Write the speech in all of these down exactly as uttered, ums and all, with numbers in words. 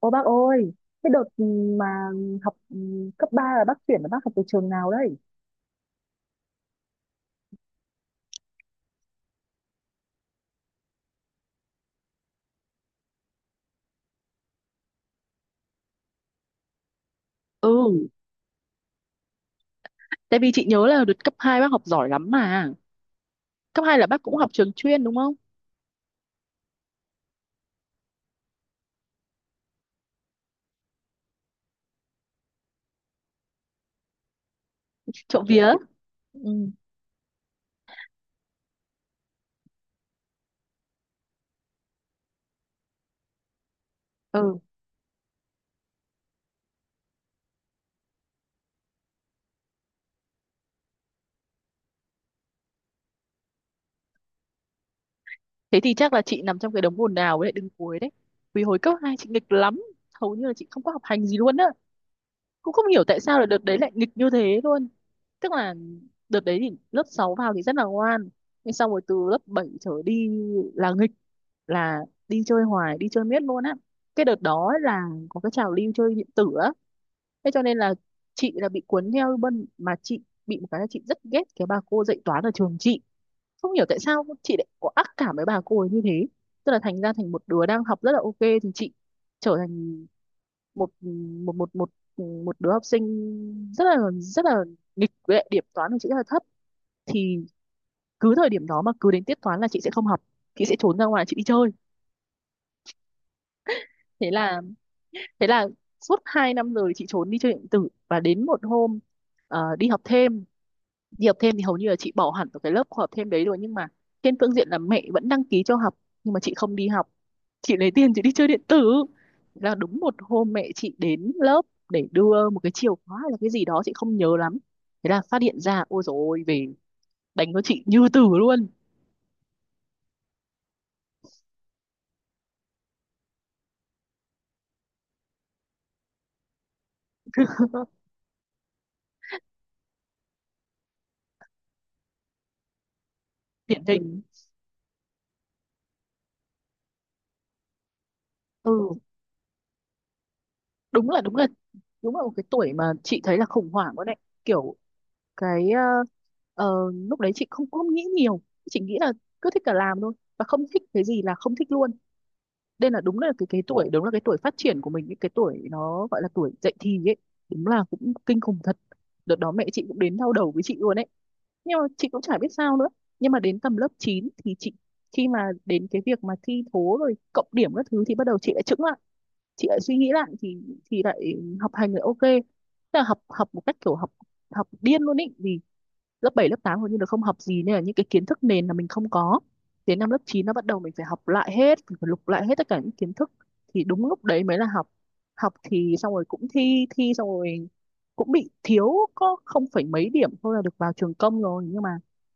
Ô bác ơi, cái đợt mà học ừ, cấp ba là bác chuyển là bác học từ trường nào đấy? Ừ, tại vì chị nhớ là đợt cấp hai bác học giỏi lắm mà. Cấp hai là bác cũng học trường chuyên đúng không? Trộm vía. Ừ. Ừ, thế thì chắc là chị nằm trong cái đống ồn ào với lại đứng cuối đấy. Vì hồi cấp hai chị nghịch lắm, hầu như là chị không có học hành gì luôn á. Cũng không hiểu tại sao là đợt đấy lại nghịch như thế luôn. Tức là đợt đấy thì lớp sáu vào thì rất là ngoan, nhưng xong rồi từ lớp bảy trở đi là nghịch, là đi chơi hoài, đi chơi miết luôn á. Cái đợt đó là có cái trào lưu chơi điện tử á, thế cho nên là chị là bị cuốn theo. Bên mà chị bị một cái là chị rất ghét cái bà cô dạy toán ở trường chị, không hiểu tại sao chị lại có ác cảm với bà cô ấy như thế. Tức là thành ra thành một đứa đang học rất là ok thì chị trở thành một một một một một đứa học sinh rất là rất là nghịch, với lại điểm toán của chị rất là thấp. Thì cứ thời điểm đó mà cứ đến tiết toán là chị sẽ không học, chị sẽ trốn ra ngoài chị đi chơi. Thế là thế là suốt hai năm rồi chị trốn đi chơi điện tử, và đến một hôm ờ, đi học thêm. Đi học thêm thì hầu như là chị bỏ hẳn vào cái lớp học thêm đấy rồi, nhưng mà trên phương diện là mẹ vẫn đăng ký cho học, nhưng mà chị không đi học, chị lấy tiền chị đi chơi điện tử. Là đúng một hôm mẹ chị đến lớp để đưa một cái chìa khóa hay là cái gì đó chị không nhớ lắm, thế là phát hiện ra. Ôi dồi ôi, về đánh cho chị như tử luôn. Điển hình. Ừ. đúng là đúng là đúng là một cái tuổi mà chị thấy là khủng hoảng quá đấy. Kiểu cái ờ, ờ, lúc đấy chị không không nghĩ nhiều, chị nghĩ là cứ thích là làm thôi, và không thích cái gì là không thích luôn. Đây là đúng là cái cái tuổi, đúng là cái tuổi phát triển của mình, những cái tuổi nó gọi là tuổi dậy thì ấy. Đúng là cũng kinh khủng thật. Đợt đó mẹ chị cũng đến đau đầu với chị luôn ấy, nhưng mà chị cũng chả biết sao nữa. Nhưng mà đến tầm lớp chín thì chị, khi mà đến cái việc mà thi thố rồi cộng điểm các thứ thì bắt đầu chị lại chững lại, chị lại suy nghĩ lại, thì thì lại học hành lại ok. Tức là học học một cách kiểu học học điên luôn ý, vì lớp bảy lớp tám hầu như là không học gì, nên là những cái kiến thức nền là mình không có. Đến năm lớp chín nó bắt đầu mình phải học lại hết, mình phải lục lại hết tất cả những kiến thức, thì đúng lúc đấy mới là học. Học thì xong rồi cũng thi thi xong rồi cũng bị thiếu, có không phải mấy điểm thôi là được vào trường công rồi, nhưng mà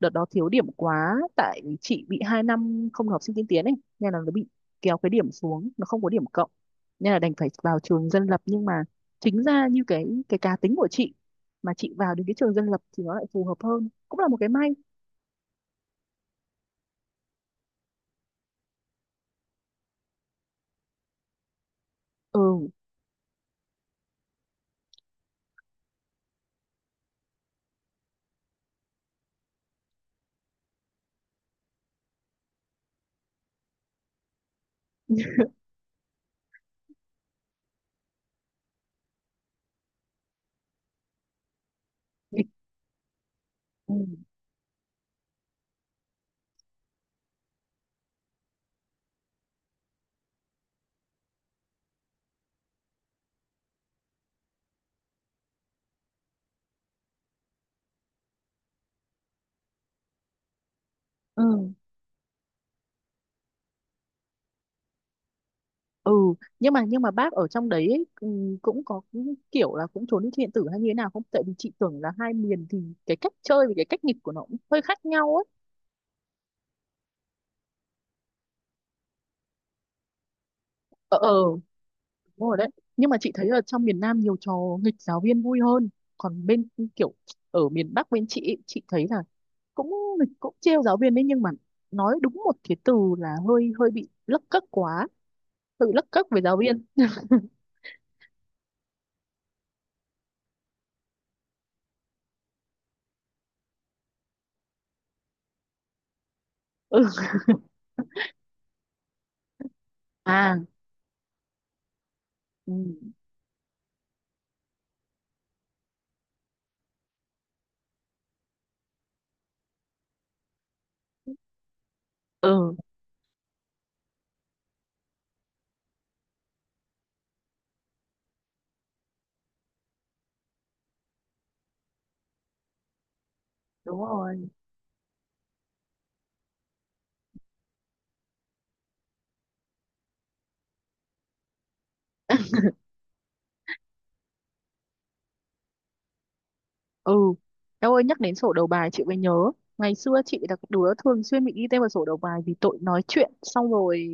đợt đó thiếu điểm quá, tại chị bị hai năm không học sinh tiên tiến ấy, nên là nó bị kéo cái điểm xuống, nó không có điểm cộng, nên là đành phải vào trường dân lập. Nhưng mà chính ra như cái cái cá tính của chị mà chị vào đến cái trường dân lập thì nó lại phù hợp hơn, cũng là một cái may. Ừ. nghịch- ừ, ừ, ừ. Nhưng mà nhưng mà bác ở trong đấy ấy, ừ, cũng có cái kiểu là cũng trốn đi thi điện tử hay như thế nào không, tại vì chị tưởng là hai miền thì cái cách chơi và cái cách nghịch của nó cũng hơi khác nhau ấy. Ờ, ờ, đúng rồi đấy. Nhưng mà chị thấy ở trong miền Nam nhiều trò nghịch giáo viên vui hơn. Còn bên, kiểu ở miền Bắc bên chị ấy, chị thấy là cũng nghịch, cũng trêu giáo viên đấy, nhưng mà nói đúng một cái từ là hơi hơi bị lấc cấc quá, tự lấc cấc với giáo viên. Ừ. À. Ừ, ừ. Đúng rồi. Ừ, em ơi nhắc đến sổ đầu bài chị mới nhớ, ngày xưa chị là cái đứa thường xuyên bị ghi tên vào sổ đầu bài vì tội nói chuyện, xong rồi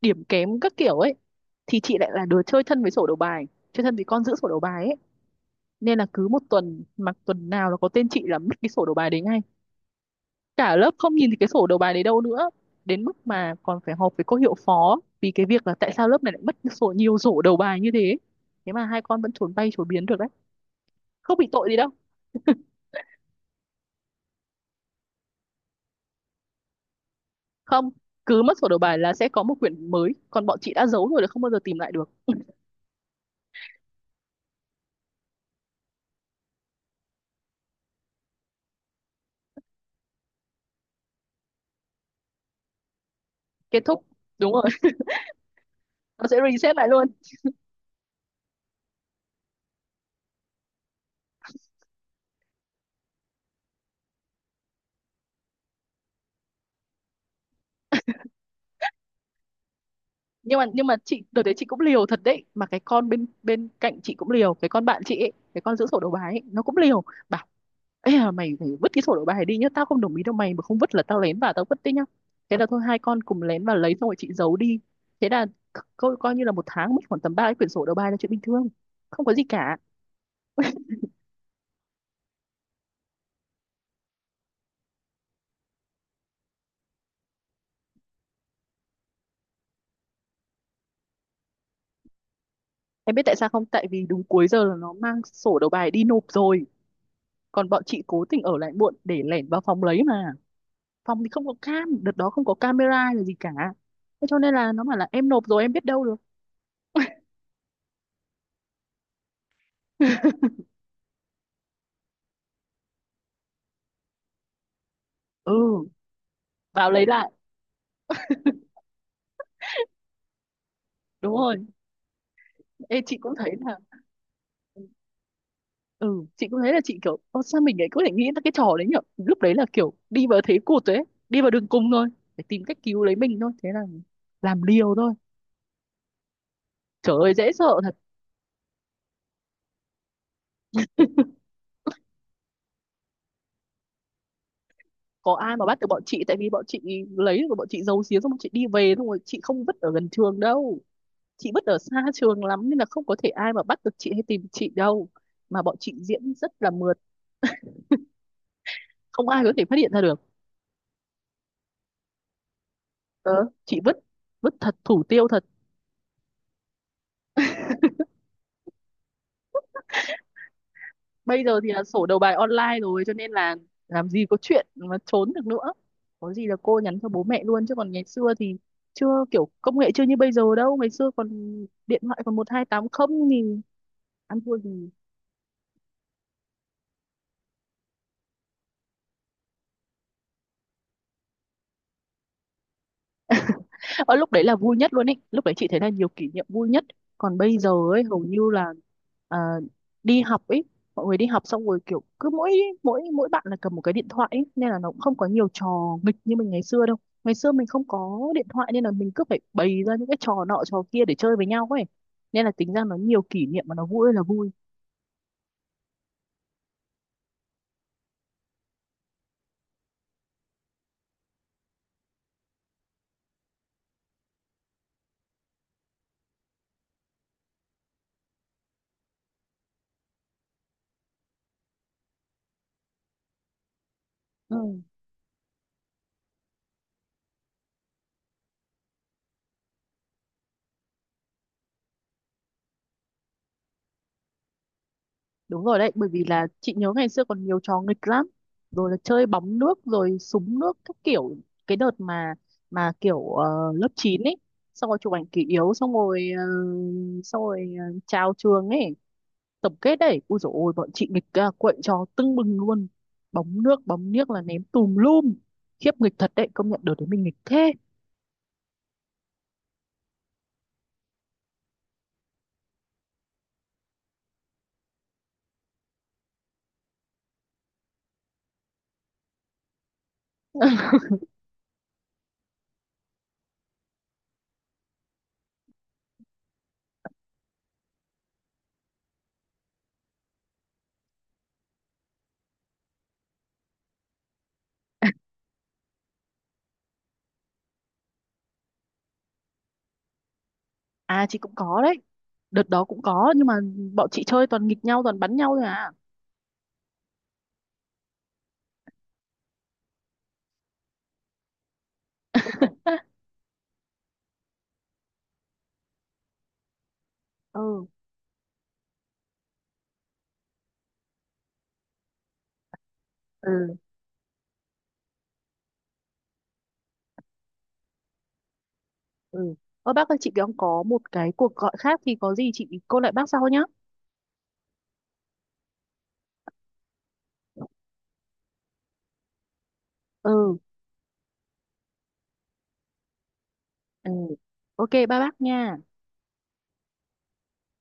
điểm kém các kiểu ấy. Thì chị lại là đứa chơi thân với sổ đầu bài, chơi thân với con giữ sổ đầu bài ấy, nên là cứ một tuần mà tuần nào nó có tên chị là mất cái sổ đầu bài đấy ngay. Cả lớp không nhìn thấy cái sổ đầu bài đấy đâu nữa. Đến mức mà còn phải họp với cô hiệu phó vì cái việc là tại sao lớp này lại mất sổ, nhiều sổ đầu bài như thế. Thế mà hai con vẫn trốn bay trốn biến được đấy, không bị tội gì đâu. Không, cứ mất sổ đầu bài là sẽ có một quyển mới, còn bọn chị đã giấu rồi là không bao giờ tìm lại được. Kết thúc, đúng rồi. Nó sẽ reset lại luôn. Nhưng mà nhưng mà chị đợt đấy chị cũng liều thật đấy, mà cái con bên bên cạnh chị cũng liều, cái con bạn chị ấy, cái con giữ sổ đầu bài ấy, nó cũng liều. Bảo: "Ê à, mày phải vứt cái sổ đầu bài đi nhá, tao không đồng ý đâu, mày mà không vứt là tao lén vào tao vứt đấy nhá." Thế là thôi, hai con cùng lén vào lấy, xong rồi chị giấu đi. Thế là co- coi, như là một tháng mất khoảng tầm ba cái quyển sổ đầu bài là chuyện bình thường, không có gì cả. Em biết tại sao không? Tại vì đúng cuối giờ là nó mang sổ đầu bài đi nộp rồi. Còn bọn chị cố tình ở lại muộn để lẻn vào phòng lấy mà. Phòng thì không có cam, đợt đó không có camera hay là gì cả. Thế cho nên là nó bảo là em nộp rồi, em biết đâu được. Ừ, vào lấy lại. Đúng rồi. Ê, chị cũng thấy là... Ừ, chị cũng thấy là chị kiểu... Ô, sao mình lại có thể nghĩ ra cái trò đấy nhở? Lúc đấy là kiểu đi vào thế cụt đấy. Đi vào đường cùng thôi, để tìm cách cứu lấy mình thôi. Thế là làm liều thôi. Trời ơi, dễ sợ. Có ai mà bắt được bọn chị, tại vì bọn chị lấy được, bọn chị giấu giếm, xong bọn chị đi về, xong rồi chị không vứt ở gần trường đâu, chị vứt ở xa trường lắm, nên là không có thể ai mà bắt được chị hay tìm chị đâu. Mà bọn chị diễn rất là mượt, không ai có thể phát hiện ra được. ờ, chị vứt vứt thật, thủ tiêu thật. Bây giờ thì là sổ đầu bài online rồi cho nên là làm gì có chuyện mà trốn được nữa, có gì là cô nhắn cho bố mẹ luôn. Chứ còn ngày xưa thì chưa, kiểu công nghệ chưa như bây giờ đâu, ngày xưa còn điện thoại còn một hai tám không thì ăn thua gì. Ở lúc đấy là vui nhất luôn ấy, lúc đấy chị thấy là nhiều kỷ niệm vui nhất. Còn bây giờ ấy hầu như là, à, đi học ấy, mọi người đi học xong rồi kiểu cứ mỗi, mỗi mỗi bạn là cầm một cái điện thoại ấy, nên là nó cũng không có nhiều trò nghịch như mình ngày xưa đâu. Ngày xưa mình không có điện thoại nên là mình cứ phải bày ra những cái trò nọ trò kia để chơi với nhau ấy, nên là tính ra nó nhiều kỷ niệm mà nó vui ơi là vui. Ừ. Đúng rồi đấy, bởi vì là chị nhớ ngày xưa còn nhiều trò nghịch lắm. Rồi là chơi bóng nước, rồi súng nước, các kiểu. Cái đợt mà mà kiểu ờ, lớp chín ấy, xong rồi chụp ảnh kỷ yếu, xong rồi, ờ, xong rồi ờ, chào trường ấy, tổng kết đấy. Ui dồi ôi, bọn chị nghịch, uh, quậy trò tưng bừng luôn. Bóng nước, bóng niếc là ném tùm lum. Khiếp nghịch thật đấy, công nhận đợt đấy mình nghịch thế. À chị cũng có đấy, đợt đó cũng có, nhưng mà bọn chị chơi toàn nghịch nhau, toàn bắn nhau thôi à. Ừ. Ừ. Ừ. Ơ bác ơi chị đang có một cái cuộc gọi khác thì có gì chị cô lại bác sau nhá. Ừ. Ừ. Ok ba bác nha.